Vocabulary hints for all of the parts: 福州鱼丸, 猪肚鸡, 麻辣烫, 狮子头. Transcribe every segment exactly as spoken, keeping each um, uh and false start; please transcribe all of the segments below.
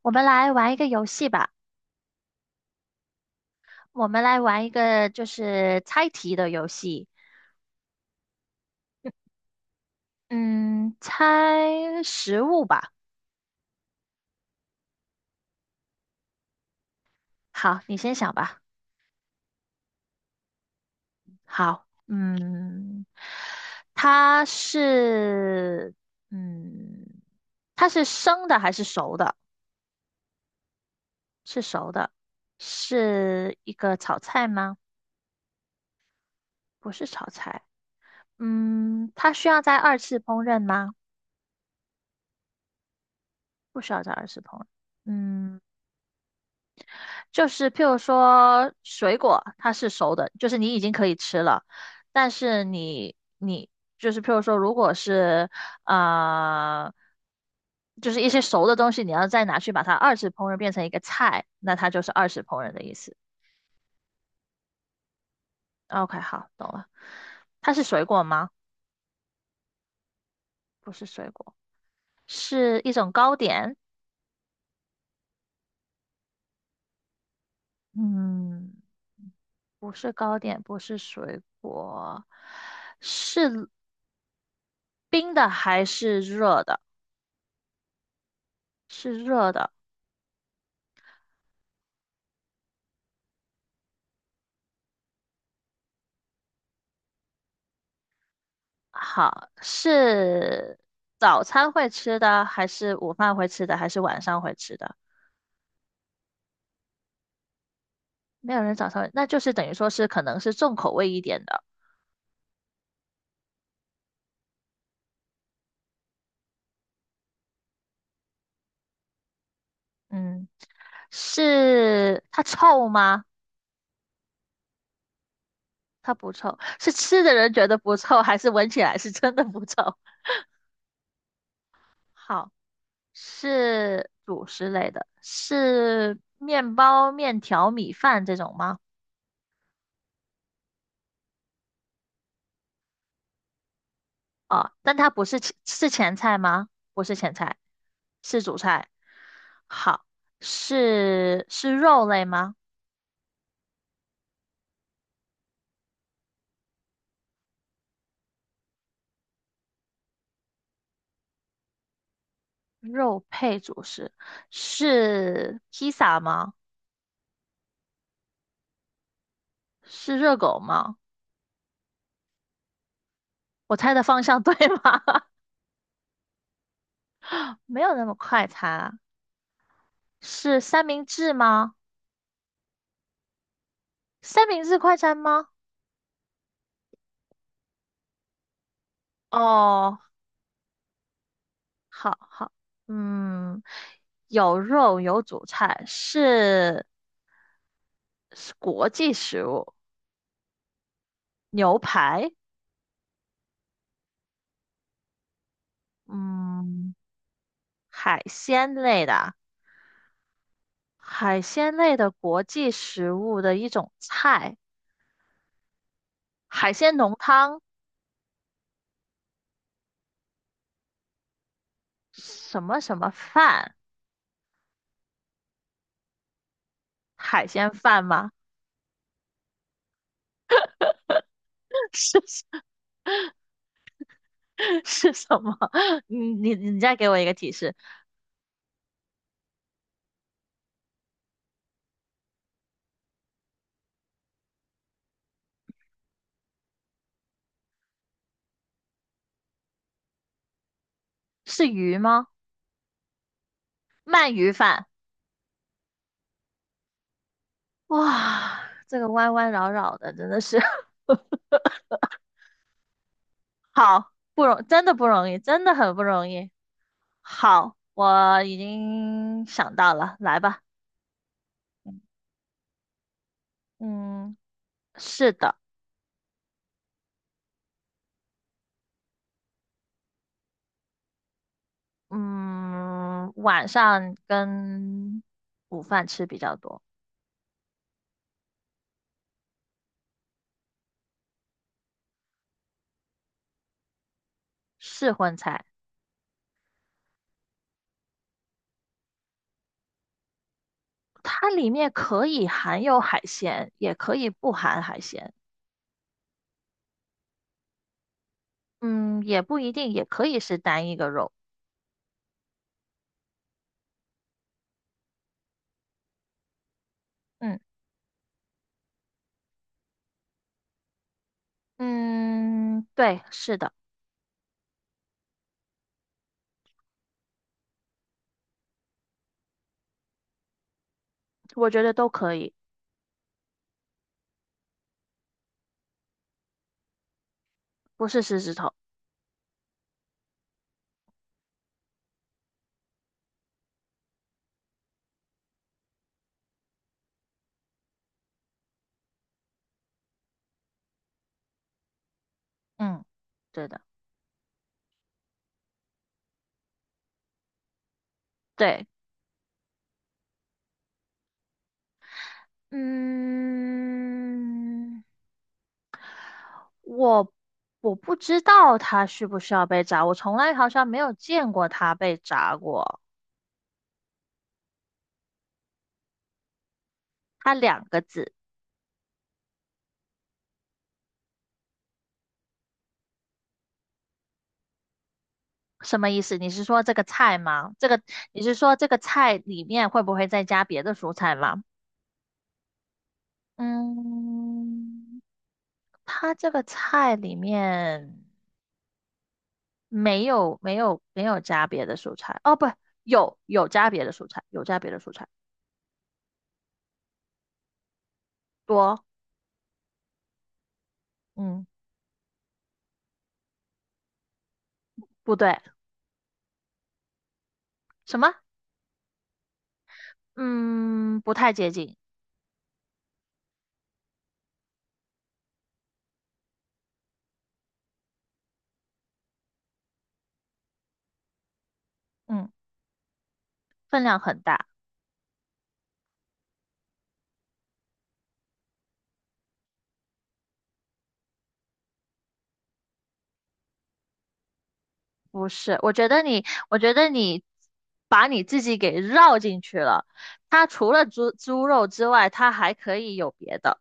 我们来玩一个游戏吧。我们来玩一个就是猜题的游戏，嗯，猜食物吧。好，你先想吧。好，嗯，它是，嗯，它是生的还是熟的？是熟的，是一个炒菜吗？不是炒菜。嗯，它需要在二次烹饪吗？不需要在二次烹饪。嗯。就是譬如说水果，它是熟的，就是你已经可以吃了，但是你你就是譬如说，如果是呃，就是一些熟的东西，你要再拿去把它二次烹饪变成一个菜，那它就是二次烹饪的意思。OK,好，懂了。它是水果吗？不是水果，是一种糕点。嗯，不是糕点，不是水果，是冰的还是热的？是热的。好，是早餐会吃的，还是午饭会吃的，还是晚上会吃的？没有人早上会，那就是等于说是可能是重口味一点的。嗯，是它臭吗？它不臭，是吃的人觉得不臭，还是闻起来是真的不臭？好，是主食类的，是面包、面条、米饭这种吗？哦，但它不是前是前菜吗？不是前菜，是主菜。好，是是肉类吗？肉配主食，是披萨吗？是热狗吗？我猜的方向 对吗？没有那么快餐，是三明治吗？三明治快餐吗？哦，好好，嗯，有肉有主菜，是是国际食物，牛排。嗯，海鲜类的，海鲜类的国际食物的一种菜，海鲜浓汤，什么什么饭，海鲜饭吗？是是什么？你你你再给我一个提示，是鱼吗？鳗鱼饭。哇，这个弯弯绕绕的，真的是 好不容，真的不容易，真的很不容易。好，我已经想到了，来吧。嗯。嗯，是的，嗯，晚上跟午饭吃比较多，是荤菜。它里面可以含有海鲜，也可以不含海鲜。嗯，也不一定，也可以是单一个肉。嗯，嗯，对，是的，我觉得都可以，不是狮子头。嗯，对的，对，嗯，我我不知道它需不需要被炸，我从来好像没有见过它被炸过。它两个字，什么意思？你是说这个菜吗？这个你是说这个菜里面会不会再加别的蔬菜吗？嗯，它这个菜里面没有没有没有加别的蔬菜。哦，不，有有加别的蔬菜，有加别的蔬菜多。嗯，不对，什么？嗯，不太接近。嗯，分量很大。不是，我觉得你，我觉得你把你自己给绕进去了。它除了猪猪肉之外，它还可以有别的，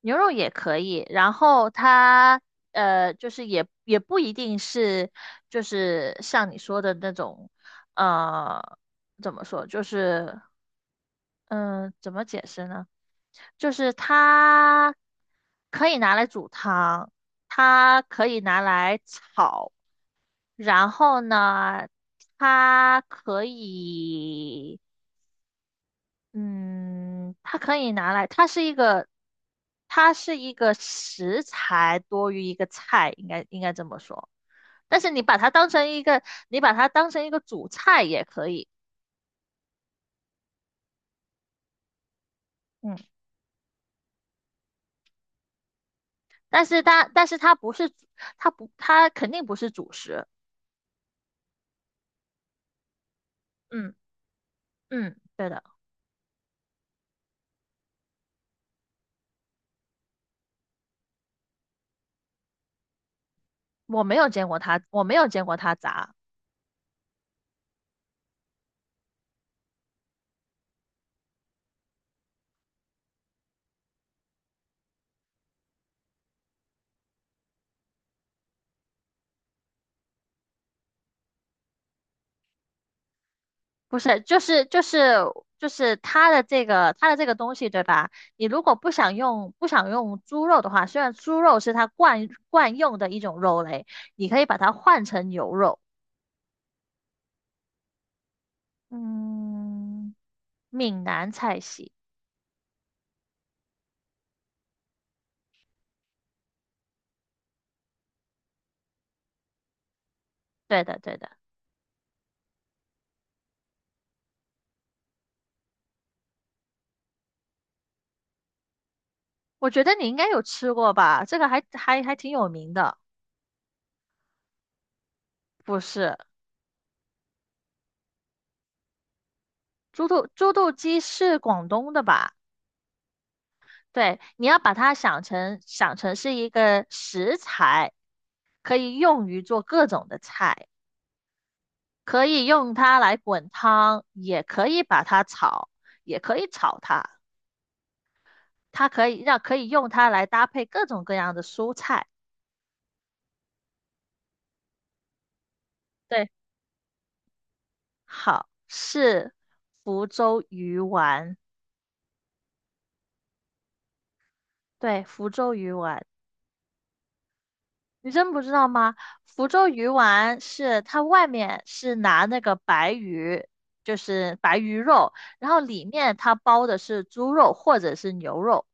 牛肉也可以。然后它呃，就是也也不一定是，就是像你说的那种，呃，怎么说，就是嗯、呃怎么解释呢？就是它可以拿来煮汤，它可以拿来炒。然后呢，它可以，嗯，它可以拿来，它是一个，它是一个食材多于一个菜，应该应该这么说。但是你把它当成一个，你把它当成一个主菜也可以，嗯，但是它，但是它不是，它不，它肯定不是主食，嗯，嗯，对的，我没有见过它，我没有见过它炸。不是，就是就是就是它的这个它的这个东西，对吧？你如果不想用不想用猪肉的话，虽然猪肉是它惯惯用的一种肉类，你可以把它换成牛肉。嗯，闽南菜系，对的对的，我觉得你应该有吃过吧？这个还还还挺有名的，不是？猪肚猪肚鸡是广东的吧？对，你要把它想成想成是一个食材，可以用于做各种的菜。可以用它来滚汤，也可以把它炒，也可以炒它。它可以让可以用它来搭配各种各样的蔬菜。对，好，是福州鱼丸。对，福州鱼丸，你真不知道吗？福州鱼丸是它外面是拿那个白鱼，就是白鱼肉，然后里面它包的是猪肉或者是牛肉。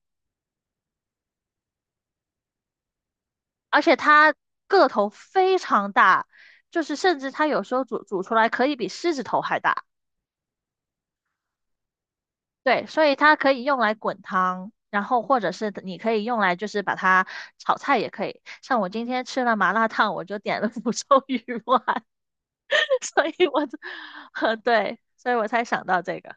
而且它个头非常大，就是甚至它有时候煮煮出来可以比狮子头还大。对，所以它可以用来滚汤，然后或者是你可以用来就是把它炒菜也可以。像我今天吃了麻辣烫，我就点了 福寿鱼丸，所以我就，呃，对，所以我才想到这个。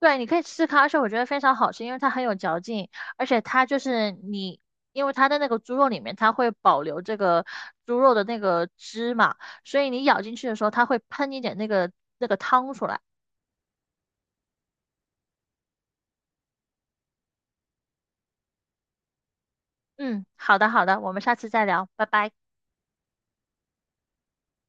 对，你可以吃它，而且我觉得非常好吃，因为它很有嚼劲，而且它就是你，因为它的那个猪肉里面，它会保留这个猪肉的那个汁嘛，所以你咬进去的时候，它会喷一点那个那个汤出来。嗯，好的好的，我们下次再聊，拜拜。